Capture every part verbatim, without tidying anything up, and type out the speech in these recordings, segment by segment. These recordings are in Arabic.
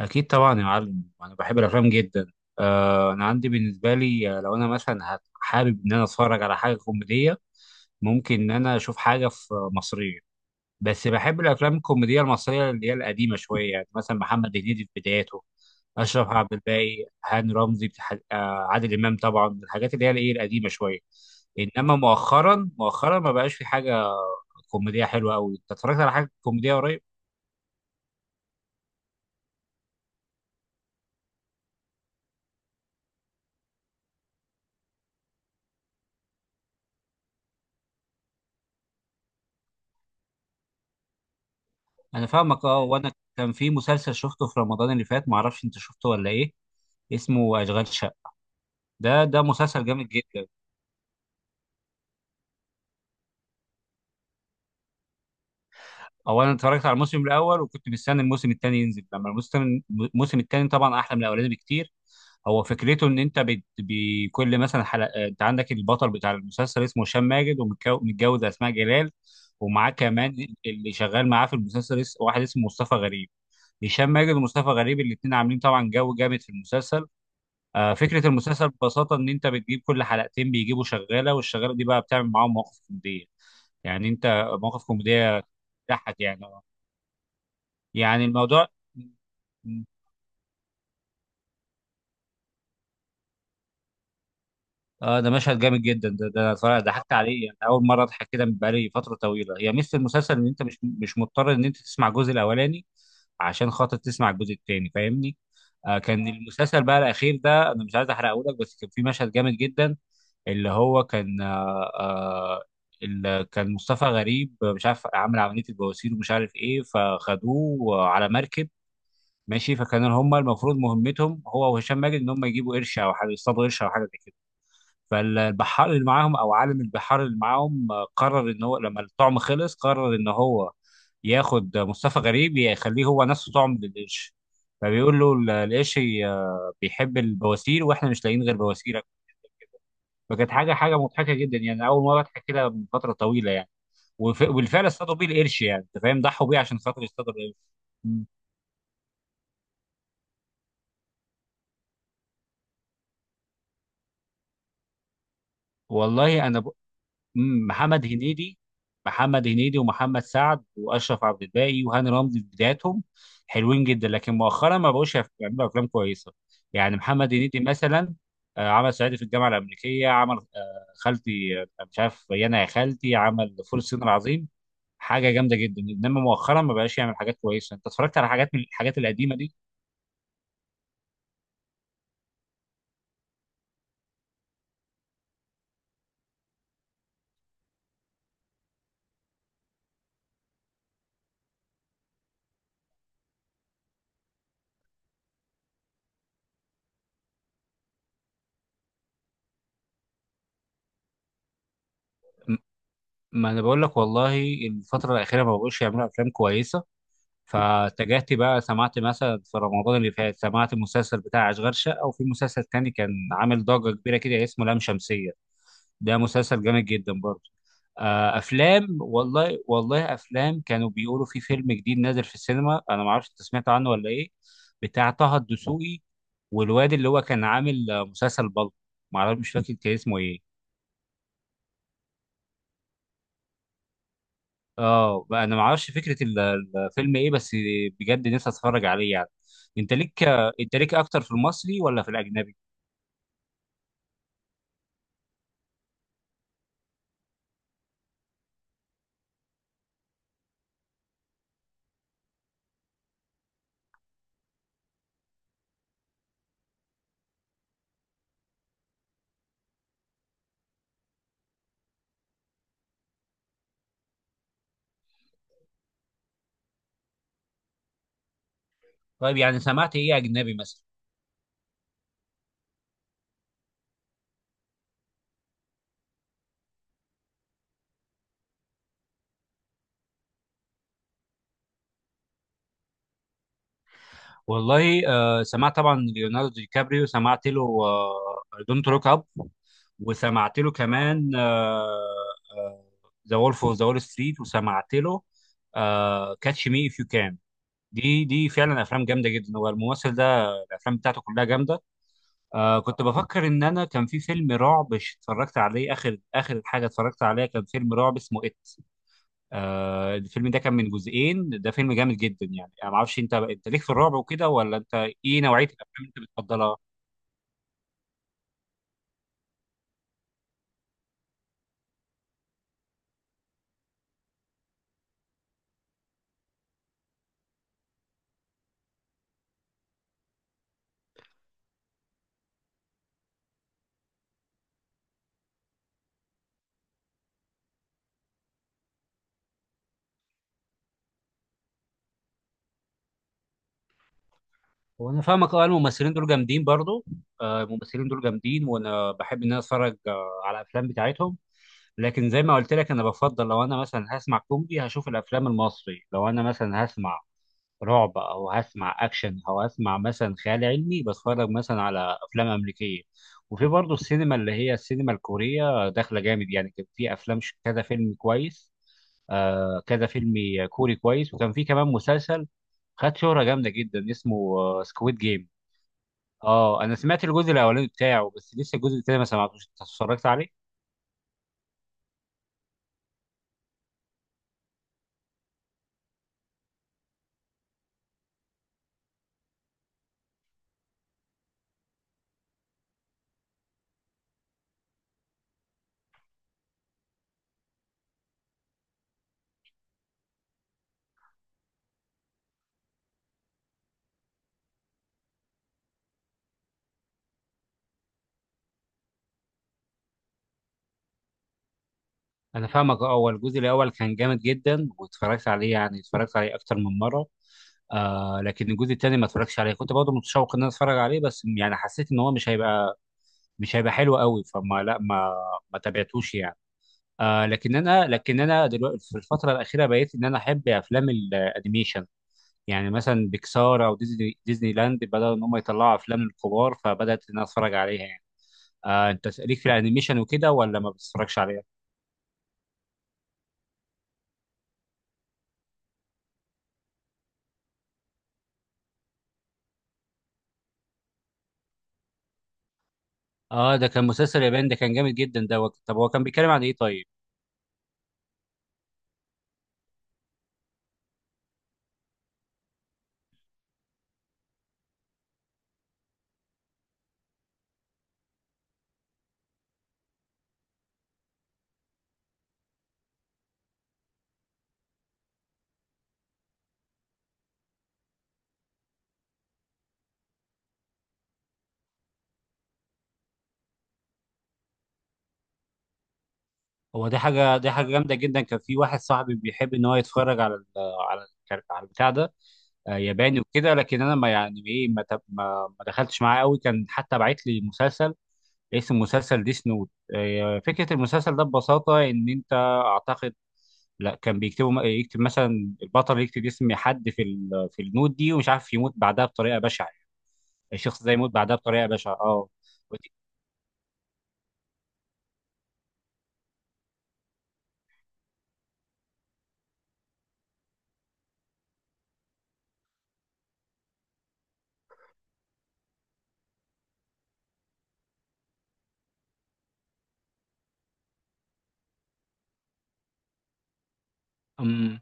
أكيد طبعا يا معلم، أنا بحب الأفلام جدا. آه، أنا عندي بالنسبة لي، آه، لو أنا مثلا هت- حابب إن أنا أتفرج على حاجة كوميدية، ممكن إن أنا أشوف حاجة في مصرية. بس بحب الأفلام الكوميدية المصرية اللي هي القديمة شوية، يعني مثلا محمد هنيدي في بداياته، أشرف عبد الباقي، هاني رمزي، بتح- آه، عادل إمام طبعا، الحاجات اللي هي الإيه القديمة شوية. إنما مؤخرا مؤخرا ما بقاش في حاجة كوميدية حلوة أوي. أنت اتفرجت على حاجة كوميدية قريب؟ انا فاهمك، اه. وانا كان في مسلسل شفته في رمضان اللي فات، معرفش انت شفته ولا ايه، اسمه اشغال شقه. ده ده مسلسل جامد جدا. اولا اتفرجت على الموسم الاول وكنت مستني الموسم الثاني ينزل. لما الموسم الموسم الثاني طبعا احلى من الاولاني بكتير. هو فكرته ان انت بت- بكل مثلا حلقه، آه، انت عندك البطل بتاع المسلسل اسمه هشام ماجد، ومتجوز اسماء جلال، ومعاه كمان اللي شغال معاه في المسلسل، اس- واحد اسمه مصطفى غريب. هشام ماجد ومصطفى غريب الاثنين عاملين طبعا جو جامد في المسلسل. آه، فكرة المسلسل ببساطة إن أنت بتجيب كل حلقتين بيجيبوا شغالة، والشغالة دي بقى بتعمل معاهم مواقف كوميدية، يعني أنت، مواقف كوميدية تضحك يعني، يعني الموضوع، آه ده مشهد جامد جدا. ده ده أنا صراحة ضحكت عليه، يعني أول مرة أضحك كده من بقالي فترة طويلة. هي ميزة المسلسل إن أنت مش مش مضطر إن أنت تسمع الجزء الأولاني عشان خاطر تسمع الجزء التاني، فاهمني. آه، كان المسلسل بقى الاخير ده، انا مش عايز احرقه لك، بس كان في مشهد جامد جدا اللي هو كان آه آه، اللي كان مصطفى غريب مش عارف عامل عملية البواسير ومش عارف ايه، فخدوه على مركب ماشي. فكان هم المفروض مهمتهم هو وهشام ماجد ان هم يجيبوا قرش او حاجه، يصطادوا قرش او حاجه زي كده. فالبحار اللي معاهم او عالم البحار اللي معاهم، آه، قرر ان هو لما الطعم خلص، قرر ان هو ياخد مصطفى غريب يخليه هو نفسه طعم للقرش. فبيقول له ال- القرش آه، بيحب البواسير، واحنا مش لاقيين غير بواسيرك. فكانت حاجه حاجه مضحكه جدا يعني، اول مره اضحك كده من فتره طويله يعني. وف- وبالفعل اصطادوا بيه القرش، يعني انت فاهم، ضحوا بيه عشان خاطر يصطادوا القرش. مم. والله انا، مم، محمد هنيدي، محمد هنيدي ومحمد سعد واشرف عبد الباقي وهاني رمزي في بداياتهم، حلوين جدا، لكن مؤخرا ما بقوش يعرفوا يعملوا افلام كويسه. يعني محمد هنيدي مثلا، آه، عمل صعيدي في الجامعه الامريكيه، عمل آه، خالتي، آه، مش عارف يانا يا خالتي، عمل فول الصين العظيم، حاجه جامده جدا. انما مؤخرا ما بقاش يعمل حاجات كويسه. انت اتفرجت على حاجات من الحاجات القديمه دي؟ م- ما انا بقول لك والله، الفتره الاخيره ما بقوش يعملوا افلام كويسه. فاتجهت بقى، سمعت مثلا في رمضان اللي فات سمعت المسلسل بتاع أشغال شقة، وفي مسلسل تاني كان عامل ضجة كبيرة كده اسمه لام شمسية، ده مسلسل جامد جدا برضه. آه، أفلام، والله والله أفلام، كانوا بيقولوا في فيلم جديد نازل في السينما، أنا ما أعرفش أنت سمعت عنه ولا إيه، بتاع طه الدسوقي، والواد اللي هو كان عامل آه، مسلسل بلطو، ما أعرف مش فاكر كان اسمه إيه. اه بقى انا ما اعرفش فكره ال- الفيلم ايه، بس بجد نفسي اتفرج عليه يعني. انت ليك، انت ليك اكتر في المصري ولا في الاجنبي؟ طيب يعني سمعت ايه اجنبي مثلا؟ والله آه سمعت طبعا، ليوناردو دي كابريو سمعت له دونت لوك اب، وسمعت له كمان ذا وولف اوف ذا وول ستريت، وسمعت له كاتش مي اف يو كان. دي دي فعلا افلام جامده جدا، هو الممثل ده الافلام بتاعته كلها جامده. آه كنت بفكر ان انا كان في فيلم رعب ش- اتفرجت عليه، اخر اخر حاجه اتفرجت عليها كان فيلم رعب اسمه ات. آه الفيلم ده كان من جزئين، ده فيلم جامد جدا يعني. انا ما اعرفش انت، انت ليك في الرعب وكده ولا انت، ايه نوعيه الافلام اللي انت بتفضلها؟ هو انا فاهمك، اه الممثلين دول جامدين برضو، آه الممثلين دول جامدين وانا بحب ان انا اتفرج آه على الافلام بتاعتهم. لكن زي ما قلت لك انا بفضل لو انا مثلا هسمع كوميدي هشوف الافلام المصري، لو انا مثلا هسمع رعب او هسمع اكشن او هسمع مثلا خيال علمي بتفرج مثلا على افلام امريكيه. وفي برضه السينما اللي هي السينما الكوريه داخله جامد يعني، كان في افلام ش- كذا فيلم كويس، آه كذا فيلم كوري كويس. وكان في كمان مسلسل خد شهره جامده جدا اسمه سكويد جيم. اه Squid Game. آه، انا سمعت الجزء الاولاني بتاعه بس لسه الجزء التاني ما سمعتوش، انت اتفرجت عليه؟ انا فاهمك، اه. هو الجزء الاول كان جامد جدا واتفرجت عليه، يعني اتفرجت عليه اكتر من مره. آه لكن الجزء التاني ما اتفرجش عليه، كنت برضه متشوق ان انا اتفرج عليه، بس يعني حسيت ان هو مش هيبقى مش هيبقى حلو قوي، فما لا ما ما تابعتوش يعني. آه لكن انا، لكن انا دلوقتي في الفتره الاخيره بقيت ان انا احب افلام الانيميشن، يعني مثلا بيكسار او ديزني، ديزني لاند بدأوا ان هم يطلعوا افلام للكبار، فبدأت ان انا اتفرج عليها يعني. آه انت ليك في الانيميشن وكده ولا ما بتتفرجش عليها؟ اه ده كان مسلسل ياباني، ده كان جامد جدا ده، وك... طب هو كان بيتكلم عن ايه طيب؟ هو دي حاجه دي حاجه جامده جدا. كان في واحد صاحبي بيحب ان هو يتفرج على ال... على ال... على البتاع ده، آه، ياباني وكده، لكن انا ما يعني ايه، ما, تب... ما... ما دخلتش معاه قوي. كان حتى بعت لي مسلسل اسم مسلسل ديس نوت. آه، فكرة المسلسل ده ببساطة إن أنت، أعتقد، لا كان بيكتبوا، يكتب مثلا البطل يكتب اسم حد في ال- في النوت دي، ومش عارف يموت بعدها بطريقة بشعة، الشخص ده يموت بعدها بطريقة بشعة، اه. ودي-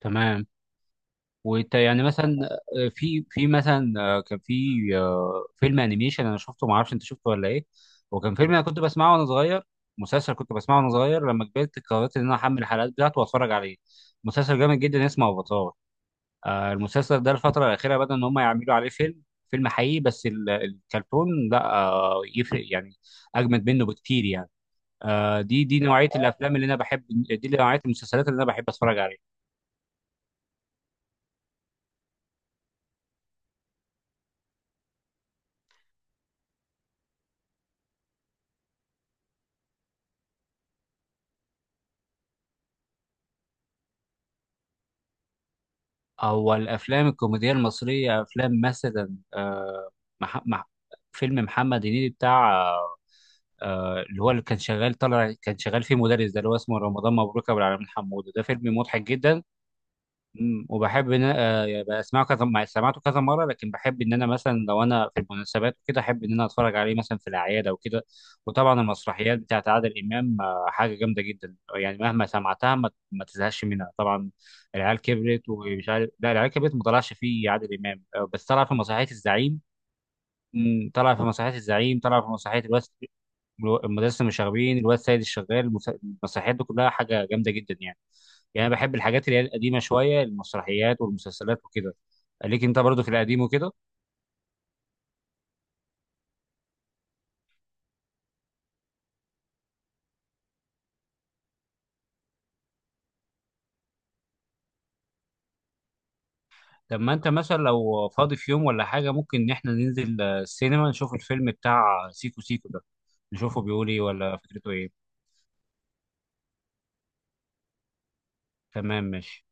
تمام. وانت يعني مثلا، آه، في في مثلا، آه، كان في آه، فيلم انيميشن انا شفته، ما اعرفش انت شفته ولا ايه، وكان فيلم انا كنت بسمعه وانا صغير، مسلسل كنت بسمعه وانا صغير، لما كبرت قررت ان انا احمل الحلقات بتاعته واتفرج عليه. مسلسل جامد جدا اسمه افاتار. آه، المسلسل ده الفتره الاخيره بدأ ان هم يعملوا عليه فيلم، فيلم حقيقي، بس ال- الكرتون لا آه، يفرق يعني، اجمد منه بكتير يعني. آه، دي دي نوعيه الافلام اللي انا بحب، دي نوعيه المسلسلات اللي انا بحب اتفرج عليها. هو الافلام الكوميديه المصريه، افلام مثلا آه، مح... مح... فيلم محمد هنيدي بتاع آه، آه، اللي هو اللي كان شغال طالع، كان شغال فيه مدرس ده اللي هو اسمه رمضان مبروك ابو العلمين حموده، ده فيلم مضحك جدا. مم. وبحب ان انا آه، يبقى اسمعه كذا مع- سمعته كذا مره، لكن بحب ان انا مثلا لو انا في المناسبات وكده، احب ان انا اتفرج عليه مثلا في الاعياد او كده. وطبعا المسرحيات بتاعت عادل امام آه، حاجه جامده جدا يعني، مهما سمعتها ما, ما تزهقش منها طبعا. العيال كبرت، ومش عارف، لا العيال كبرت ما طلعش فيه عادل امام آه، بس طلع في مسرحيه الزعيم. مم، طلع في مسرحيه الزعيم، طلع في مسرحيه الواد، الو- المدرسه المشاغبين، الواد سيد الشغال، المس- المسرحيات دي كلها حاجه جامده جدا يعني. يعني انا بحب الحاجات اللي هي القديمه شويه، المسرحيات والمسلسلات وكده. ليك انت برضو في القديم وكده؟ طب ما انت مثلا لو فاضي في يوم ولا حاجه، ممكن ان احنا ننزل آه، السينما نشوف الفيلم بتاع سيكو سيكو ده، نشوفه بيقول ايه ولا فكرته ايه. تمام ماشي.